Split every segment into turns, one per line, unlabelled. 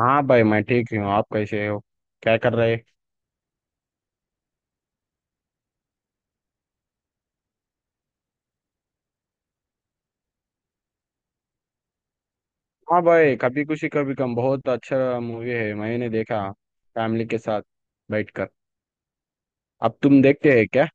हाँ भाई, मैं ठीक ही हूँ। आप कैसे हो? क्या कर रहे? हाँ भाई, कभी खुशी कभी गम बहुत अच्छा मूवी है, मैंने देखा फैमिली के साथ बैठकर। अब तुम देखते हैं क्या?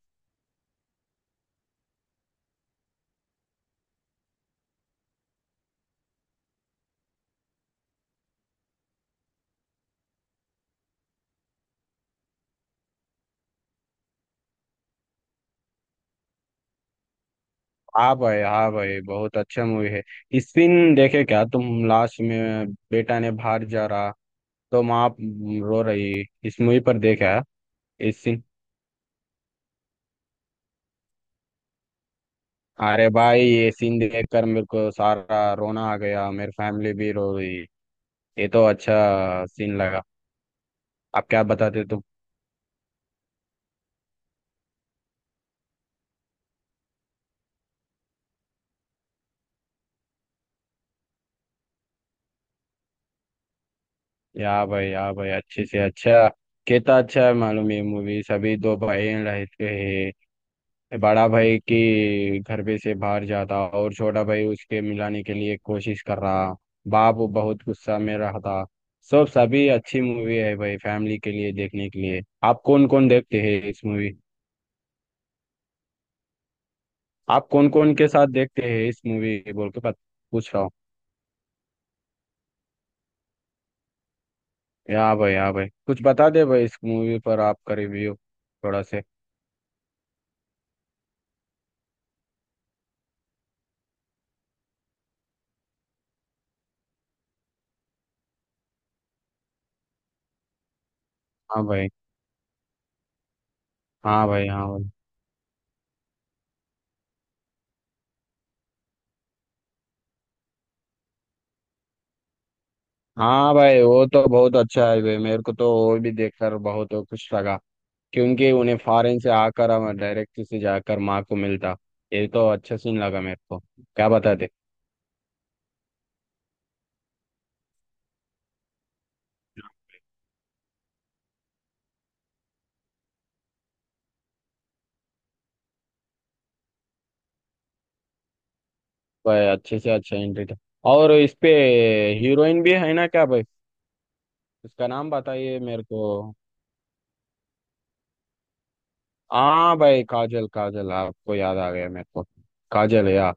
हाँ भाई, हाँ भाई, बहुत अच्छा मूवी है। इस दिन देखे क्या तुम? लास्ट में बेटा ने बाहर जा रहा, तो माँ रो रही इस मूवी पर, देखा इस सीन? अरे भाई, ये सीन देखकर मेरे को सारा रोना आ गया, मेरी फैमिली भी रो रही। ये तो अच्छा सीन लगा। आप क्या बताते तुम? या भाई, या भाई, अच्छे से अच्छा। कितना अच्छा है मालूम ये मूवी। सभी दो भाई रहते हैं, बड़ा भाई की घर पे से बाहर जाता और छोटा भाई उसके मिलाने के लिए कोशिश कर रहा। बाप वो बहुत गुस्सा में रहता। सब सभी अच्छी मूवी है भाई, फैमिली के लिए देखने के लिए। आप कौन कौन देखते हैं इस मूवी? आप कौन कौन के साथ देखते हैं इस मूवी बोल के पूछ रहा हूँ। या भाई, या भाई, कुछ बता दे भाई, इस मूवी पर आपका रिव्यू थोड़ा से। हाँ भाई, हाँ भाई। हाँ भाई, हाँ भाई, वो तो बहुत अच्छा है भाई, मेरे को तो वो भी देखकर बहुत खुश लगा, क्योंकि उन्हें फॉरेन से आकर हम डायरेक्ट से जाकर माँ को मिलता। ये तो अच्छा सीन लगा मेरे को, क्या बताते? भाई, अच्छे से अच्छा एंट्री था। और इस पे हीरोइन भी है ना क्या भाई? उसका नाम बताइए मेरे को। हाँ भाई, काजल, काजल आपको याद आ गया मेरे को। काजल है यार।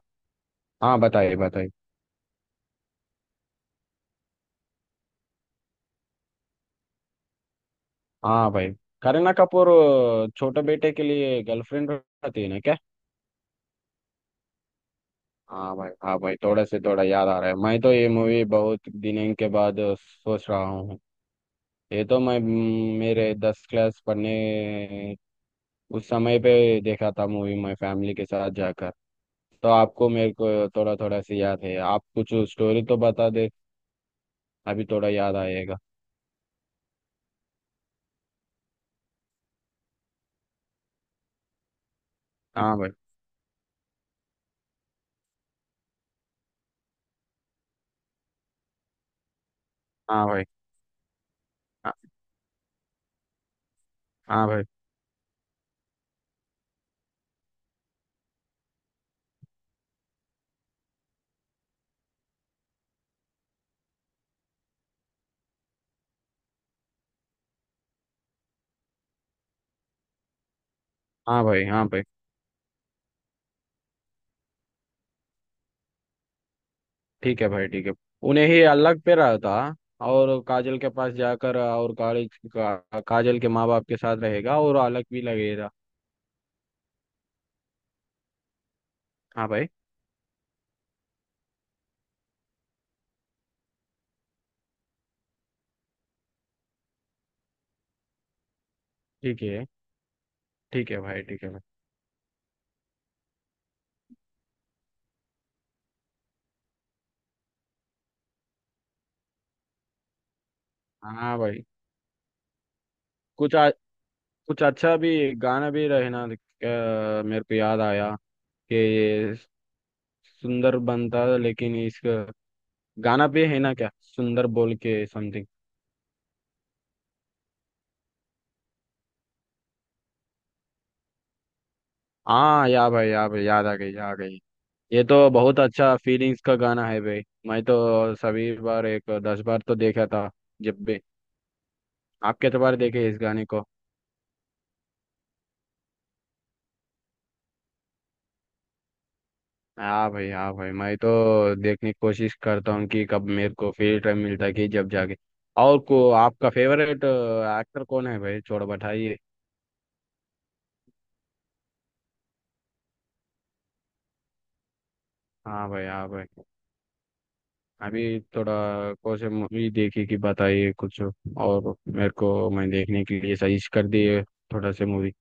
हाँ, बताइए, बताइए। हाँ भाई, करीना कपूर छोटे बेटे के लिए गर्लफ्रेंड रखती है ना क्या? हाँ भाई, हाँ भाई, थोड़ा से थोड़ा याद आ रहा है, मैं तो ये मूवी बहुत दिनों के बाद सोच रहा हूँ। ये तो मैं मेरे 10 क्लास पढ़ने उस समय पे देखा था मूवी, मैं फैमिली के साथ जाकर। तो आपको मेरे को थोड़ा थोड़ा सी याद है, आप कुछ स्टोरी तो बता दे, अभी थोड़ा याद आएगा। हाँ भाई, हाँ भाई। हाँ। हाँ भाई, हाँ भाई। हाँ भाई, ठीक है भाई, ठीक है। उन्हें ही अलग पे रहा था, और काजल के पास जाकर, और काजल काजल के माँ बाप के साथ रहेगा और अलग भी लगेगा। हाँ भाई। ठीक है, ठीक है भाई, ठीक है भाई। हाँ भाई। कुछ कुछ अच्छा भी गाना भी रहे ना, मेरे को याद आया कि ये सुंदर बनता, लेकिन इसका गाना भी है ना क्या, सुंदर बोल के समथिंग? हाँ, या भाई, या भाई, याद आ गई, याद आ गई। ये तो बहुत अच्छा फीलिंग्स का गाना है भाई, मैं तो सभी बार एक 10 बार तो देखा था जब भी। आप कितने बार देखे इस गाने को? हाँ भाई, हाँ भाई, मैं तो देखने की कोशिश करता हूँ कि कब मेरे को फ्री टाइम मिलता है कि जब जाके। और को आपका फेवरेट एक्टर कौन है भाई, थोड़ा बताइए। हाँ भाई, हाँ भाई। अभी थोड़ा। कौन से मूवी देखी कि बताइए, कुछ और मेरे को मैं देखने के लिए सजेस्ट कर दिए थोड़ा से मूवी।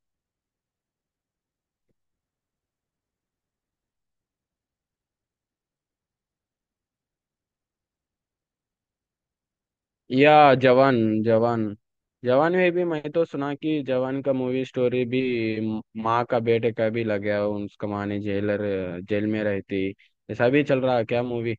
या जवान, जवान। जवान में भी मैं तो सुना कि जवान का मूवी स्टोरी भी माँ का बेटे का भी लग गया, उसका माँ ने जेलर जेल में रहती। ऐसा भी चल रहा है क्या मूवी?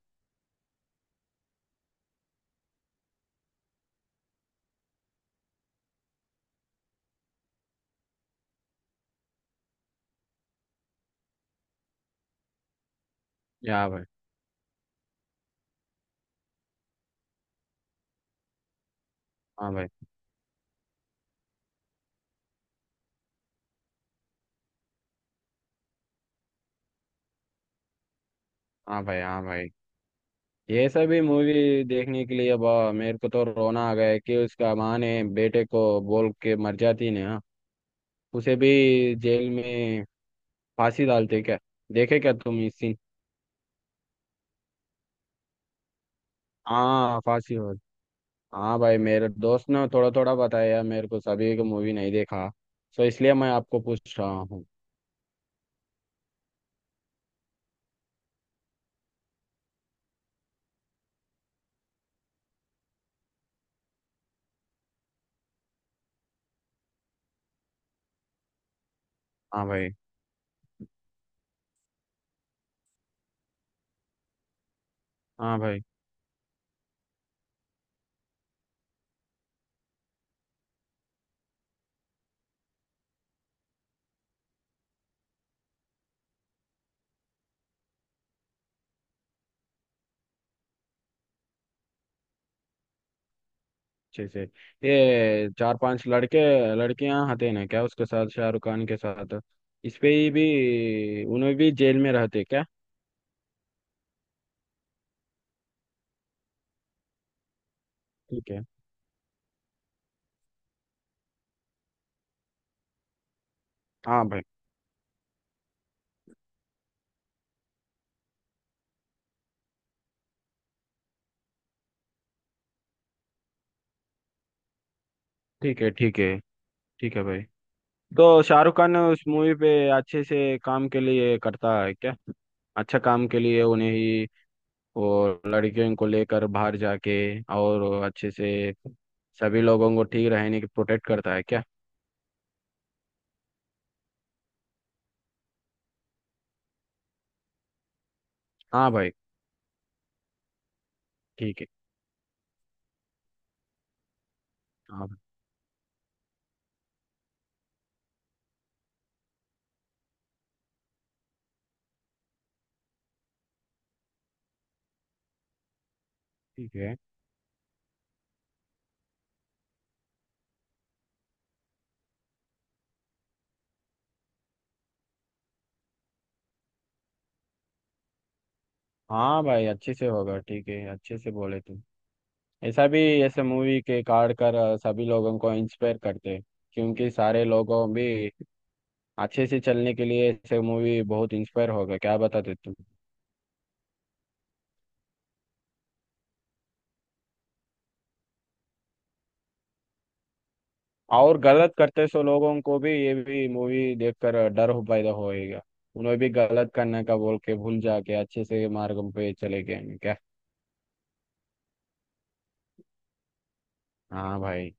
या भाई। हाँ भाई, हाँ भाई। हाँ भाई, ये सभी मूवी देखने के लिए, अब मेरे को तो रोना आ गया है कि उसका माँ ने बेटे को बोल के मर जाती ने, हाँ। उसे भी जेल में फांसी डालते क्या? देखे क्या तुम इस सीन? हाँ, फांसी हो। हाँ भाई, मेरे दोस्त ने थोड़ा थोड़ा बताया मेरे को, सभी को मूवी नहीं देखा, सो इसलिए मैं आपको पूछ रहा हूँ। हाँ भाई, हाँ भाई, अच्छे से। ये 4-5 लड़के लड़कियां हते ना क्या, उसके साथ शाहरुख खान के साथ? इस पे ही भी उन्हें भी जेल में रहते क्या? ठीक है। हाँ भाई, ठीक है, ठीक है। ठीक है भाई। तो शाहरुख खान उस मूवी पे अच्छे से काम के लिए करता है क्या? अच्छा काम के लिए उन्हें ही वो लड़कियों को लेकर बाहर जाके और अच्छे से सभी लोगों को ठीक रहने की प्रोटेक्ट करता है क्या? हाँ भाई। ठीक है। हाँ भाई, ठीक है। हाँ भाई, अच्छे से होगा, ठीक है, अच्छे से बोले तुम। ऐसा भी, ऐसे मूवी के कार्ड कर सभी लोगों को इंस्पायर करते हैं, क्योंकि सारे लोगों भी अच्छे से चलने के लिए ऐसे मूवी बहुत इंस्पायर होगा, क्या बताते तुम? और गलत करते सो लोगों को भी ये भी मूवी देखकर डर हो पैदा होएगा, उन्हें भी गलत करने का बोल के भूल जाके अच्छे से मार्ग पे चले गए क्या? हाँ भाई,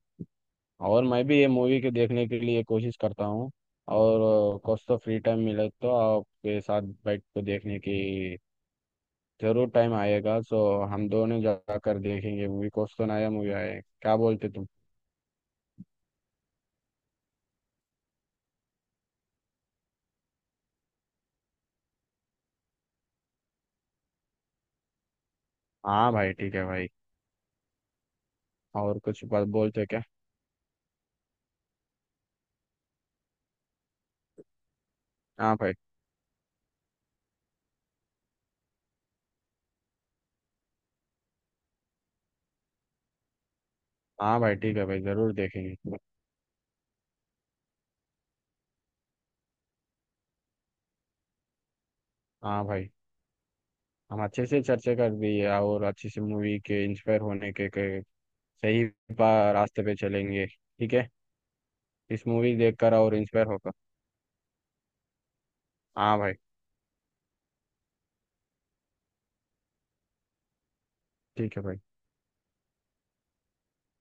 और मैं भी ये मूवी के देखने के लिए कोशिश करता हूँ। और कुछ तो फ्री टाइम मिले तो आपके साथ बैठ के देखने की जरूर टाइम आएगा, सो हम दोनों जाकर देखेंगे मूवी, कुछ तो नया मूवी आए, क्या बोलते तुम? हाँ भाई, ठीक है भाई। और कुछ बात बोलते क्या? हाँ भाई। हाँ भाई, ठीक है भाई, जरूर देखेंगे। हाँ भाई, हम अच्छे से चर्चा कर दी है, और अच्छी सी मूवी के इंस्पायर होने के सही रास्ते पे चलेंगे, ठीक है। इस मूवी देखकर और इंस्पायर होकर, हाँ भाई, ठीक है भाई।